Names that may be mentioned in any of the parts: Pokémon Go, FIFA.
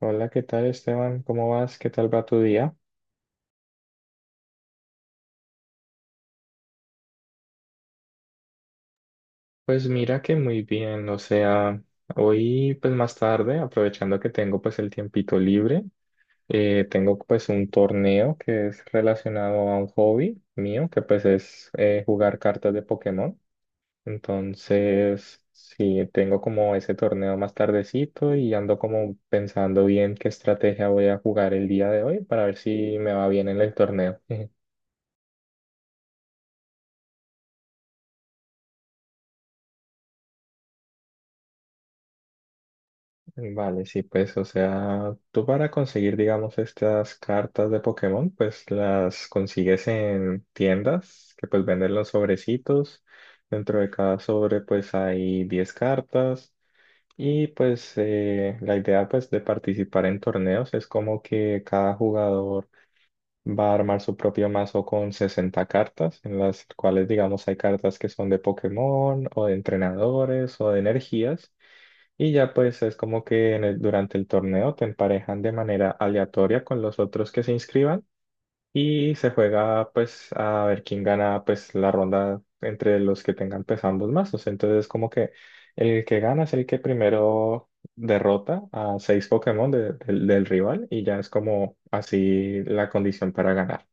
Hola, ¿qué tal Esteban? ¿Cómo vas? ¿Qué tal va tu día? Pues mira que muy bien, o sea, hoy pues más tarde, aprovechando que tengo pues el tiempito libre, tengo pues un torneo que es relacionado a un hobby mío, que pues es jugar cartas de Pokémon. Entonces, sí, tengo como ese torneo más tardecito y ando como pensando bien qué estrategia voy a jugar el día de hoy para ver si me va bien en el torneo. Vale, sí, pues, o sea, tú para conseguir, digamos, estas cartas de Pokémon, pues las consigues en tiendas que pues venden los sobrecitos. Dentro de cada sobre, pues hay 10 cartas. Y pues la idea, pues, de participar en torneos es como que cada jugador va a armar su propio mazo con 60 cartas, en las cuales, digamos, hay cartas que son de Pokémon o de entrenadores o de energías. Y ya pues es como que en durante el torneo te emparejan de manera aleatoria con los otros que se inscriban y se juega pues a ver quién gana pues la ronda entre los que tengan pues ambos mazos. Entonces como que el que gana es el que primero derrota a 6 Pokémon del rival y ya es como así la condición para ganar.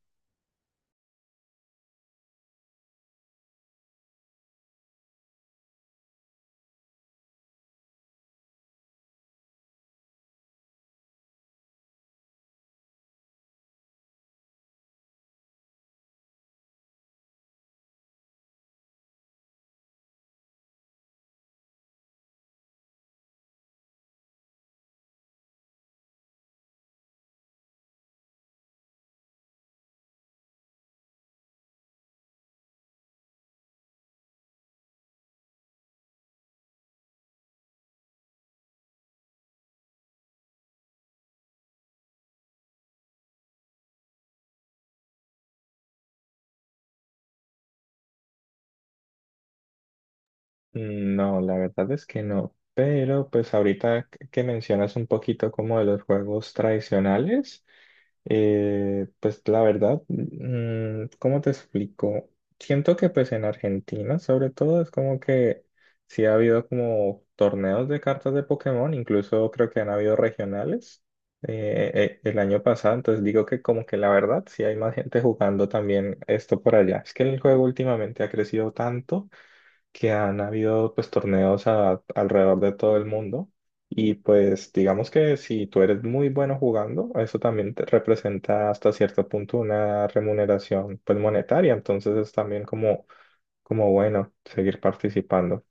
No, la verdad es que no. Pero pues ahorita que mencionas un poquito como de los juegos tradicionales, pues la verdad, ¿cómo te explico? Siento que pues en Argentina sobre todo es como que sí ha habido como torneos de cartas de Pokémon, incluso creo que han habido regionales el año pasado, entonces digo que como que la verdad sí hay más gente jugando también esto por allá. Es que el juego últimamente ha crecido tanto que han habido pues torneos alrededor de todo el mundo y pues digamos que si tú eres muy bueno jugando, eso también te representa hasta cierto punto una remuneración pues monetaria, entonces es también como, como bueno seguir participando.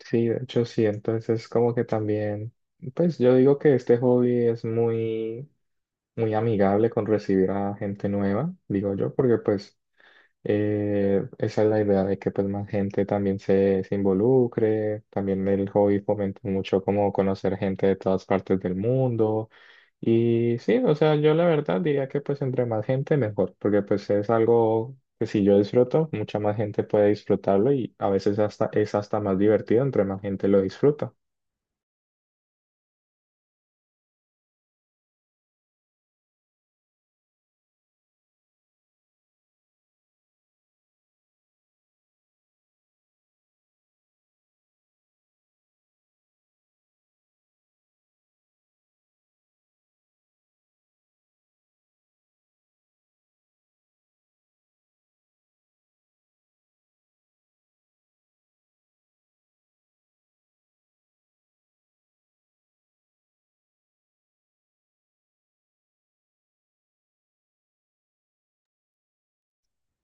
Sí, de hecho sí, entonces como que también pues yo digo que este hobby es muy muy amigable con recibir a gente nueva, digo yo, porque pues esa es la idea de que pues más gente también se involucre, también el hobby fomenta mucho como conocer gente de todas partes del mundo y sí, o sea, yo la verdad diría que pues entre más gente mejor, porque pues es algo que si yo disfruto, mucha más gente puede disfrutarlo y a veces hasta es hasta más divertido entre más gente lo disfruta.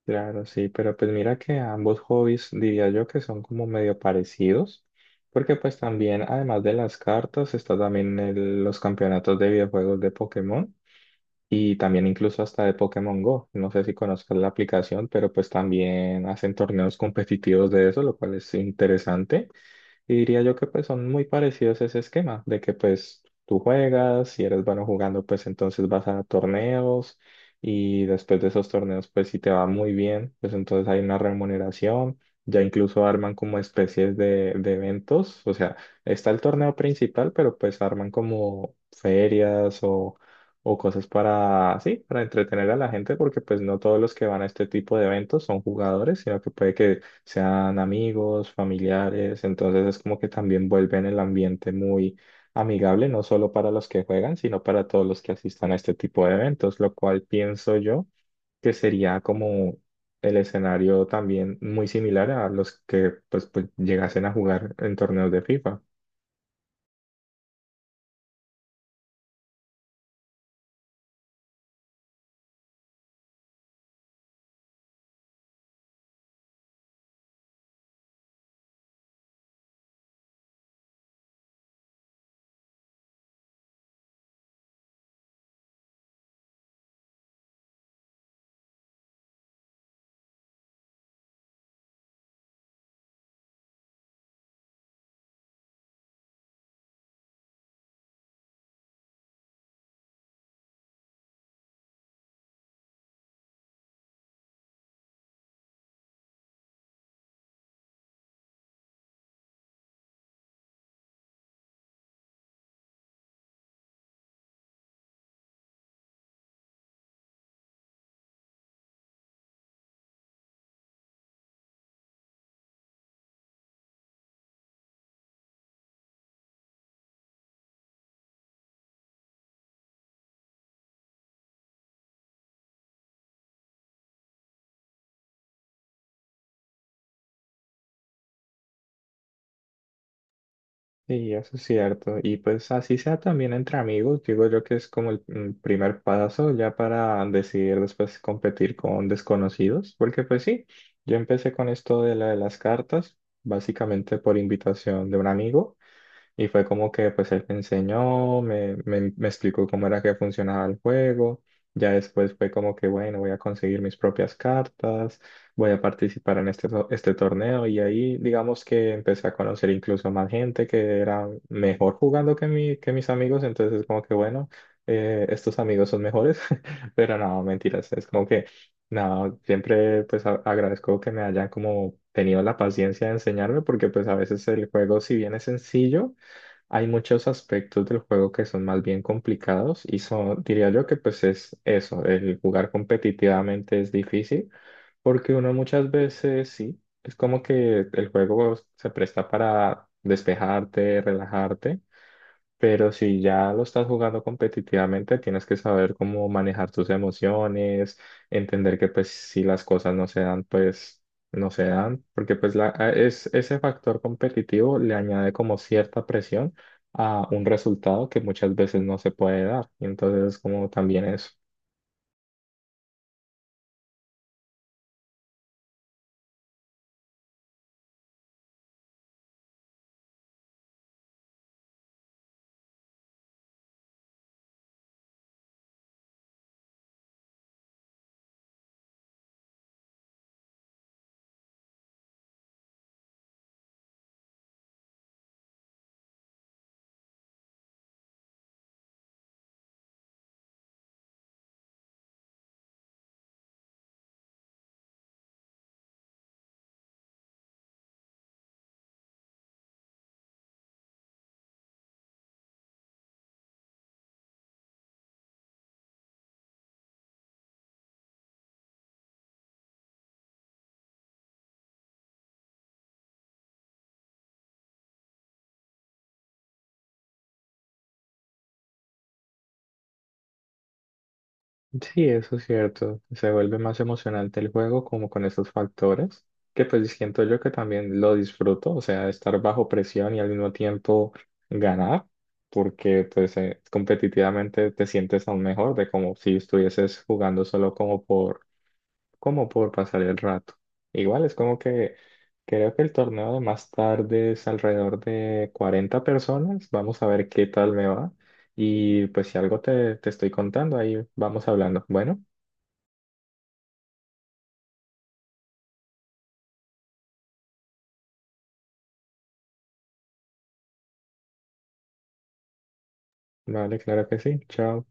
Claro, sí, pero pues mira que ambos hobbies diría yo que son como medio parecidos, porque pues también además de las cartas está también los campeonatos de videojuegos de Pokémon y también incluso hasta de Pokémon Go. No sé si conozcas la aplicación, pero pues también hacen torneos competitivos de eso, lo cual es interesante. Y diría yo que pues son muy parecidos a ese esquema, de que pues tú juegas, si eres bueno jugando, pues entonces vas a torneos y después de esos torneos, pues si te va muy bien, pues entonces hay una remuneración, ya incluso arman como especies de eventos, o sea, está el torneo principal, pero pues arman como ferias o cosas para, sí, para entretener a la gente, porque pues no todos los que van a este tipo de eventos son jugadores, sino que puede que sean amigos, familiares, entonces es como que también vuelven el ambiente muy amigable, no solo para los que juegan, sino para todos los que asistan a este tipo de eventos, lo cual pienso yo que sería como el escenario también muy similar a los que pues, pues llegasen a jugar en torneos de FIFA. Sí, eso es cierto. Y pues así sea también entre amigos, digo yo que es como el primer paso ya para decidir después competir con desconocidos, porque pues sí, yo empecé con esto de la de las cartas, básicamente por invitación de un amigo. Y fue como que pues él me enseñó, me explicó cómo era que funcionaba el juego. Ya después fue como que, bueno, voy a conseguir mis propias cartas, voy a participar en este, este torneo. Y ahí digamos que empecé a conocer incluso más gente que era mejor jugando que, que mis amigos. Entonces como que, bueno, estos amigos son mejores. Pero no, mentiras, es como que... No, siempre pues agradezco que me hayan como tenido la paciencia de enseñarme porque pues a veces el juego si bien es sencillo, hay muchos aspectos del juego que son más bien complicados y son, diría yo que pues es eso, el jugar competitivamente es difícil porque uno muchas veces sí, es como que el juego se presta para despejarte, relajarte, pero si ya lo estás jugando competitivamente, tienes que saber cómo manejar tus emociones, entender que pues si las cosas no se dan, pues no se dan, porque pues ese factor competitivo le añade como cierta presión a un resultado que muchas veces no se puede dar. Y entonces como también eso. Sí, eso es cierto. Se vuelve más emocionante el juego como con esos factores, que pues siento yo que también lo disfruto, o sea, estar bajo presión y al mismo tiempo ganar, porque pues competitivamente te sientes aún mejor de como si estuvieses jugando solo como por como por pasar el rato. Igual es como que creo que el torneo de más tarde es alrededor de 40 personas. Vamos a ver qué tal me va. Y pues si algo te estoy contando, ahí vamos hablando. Bueno, vale, claro que sí. Chao.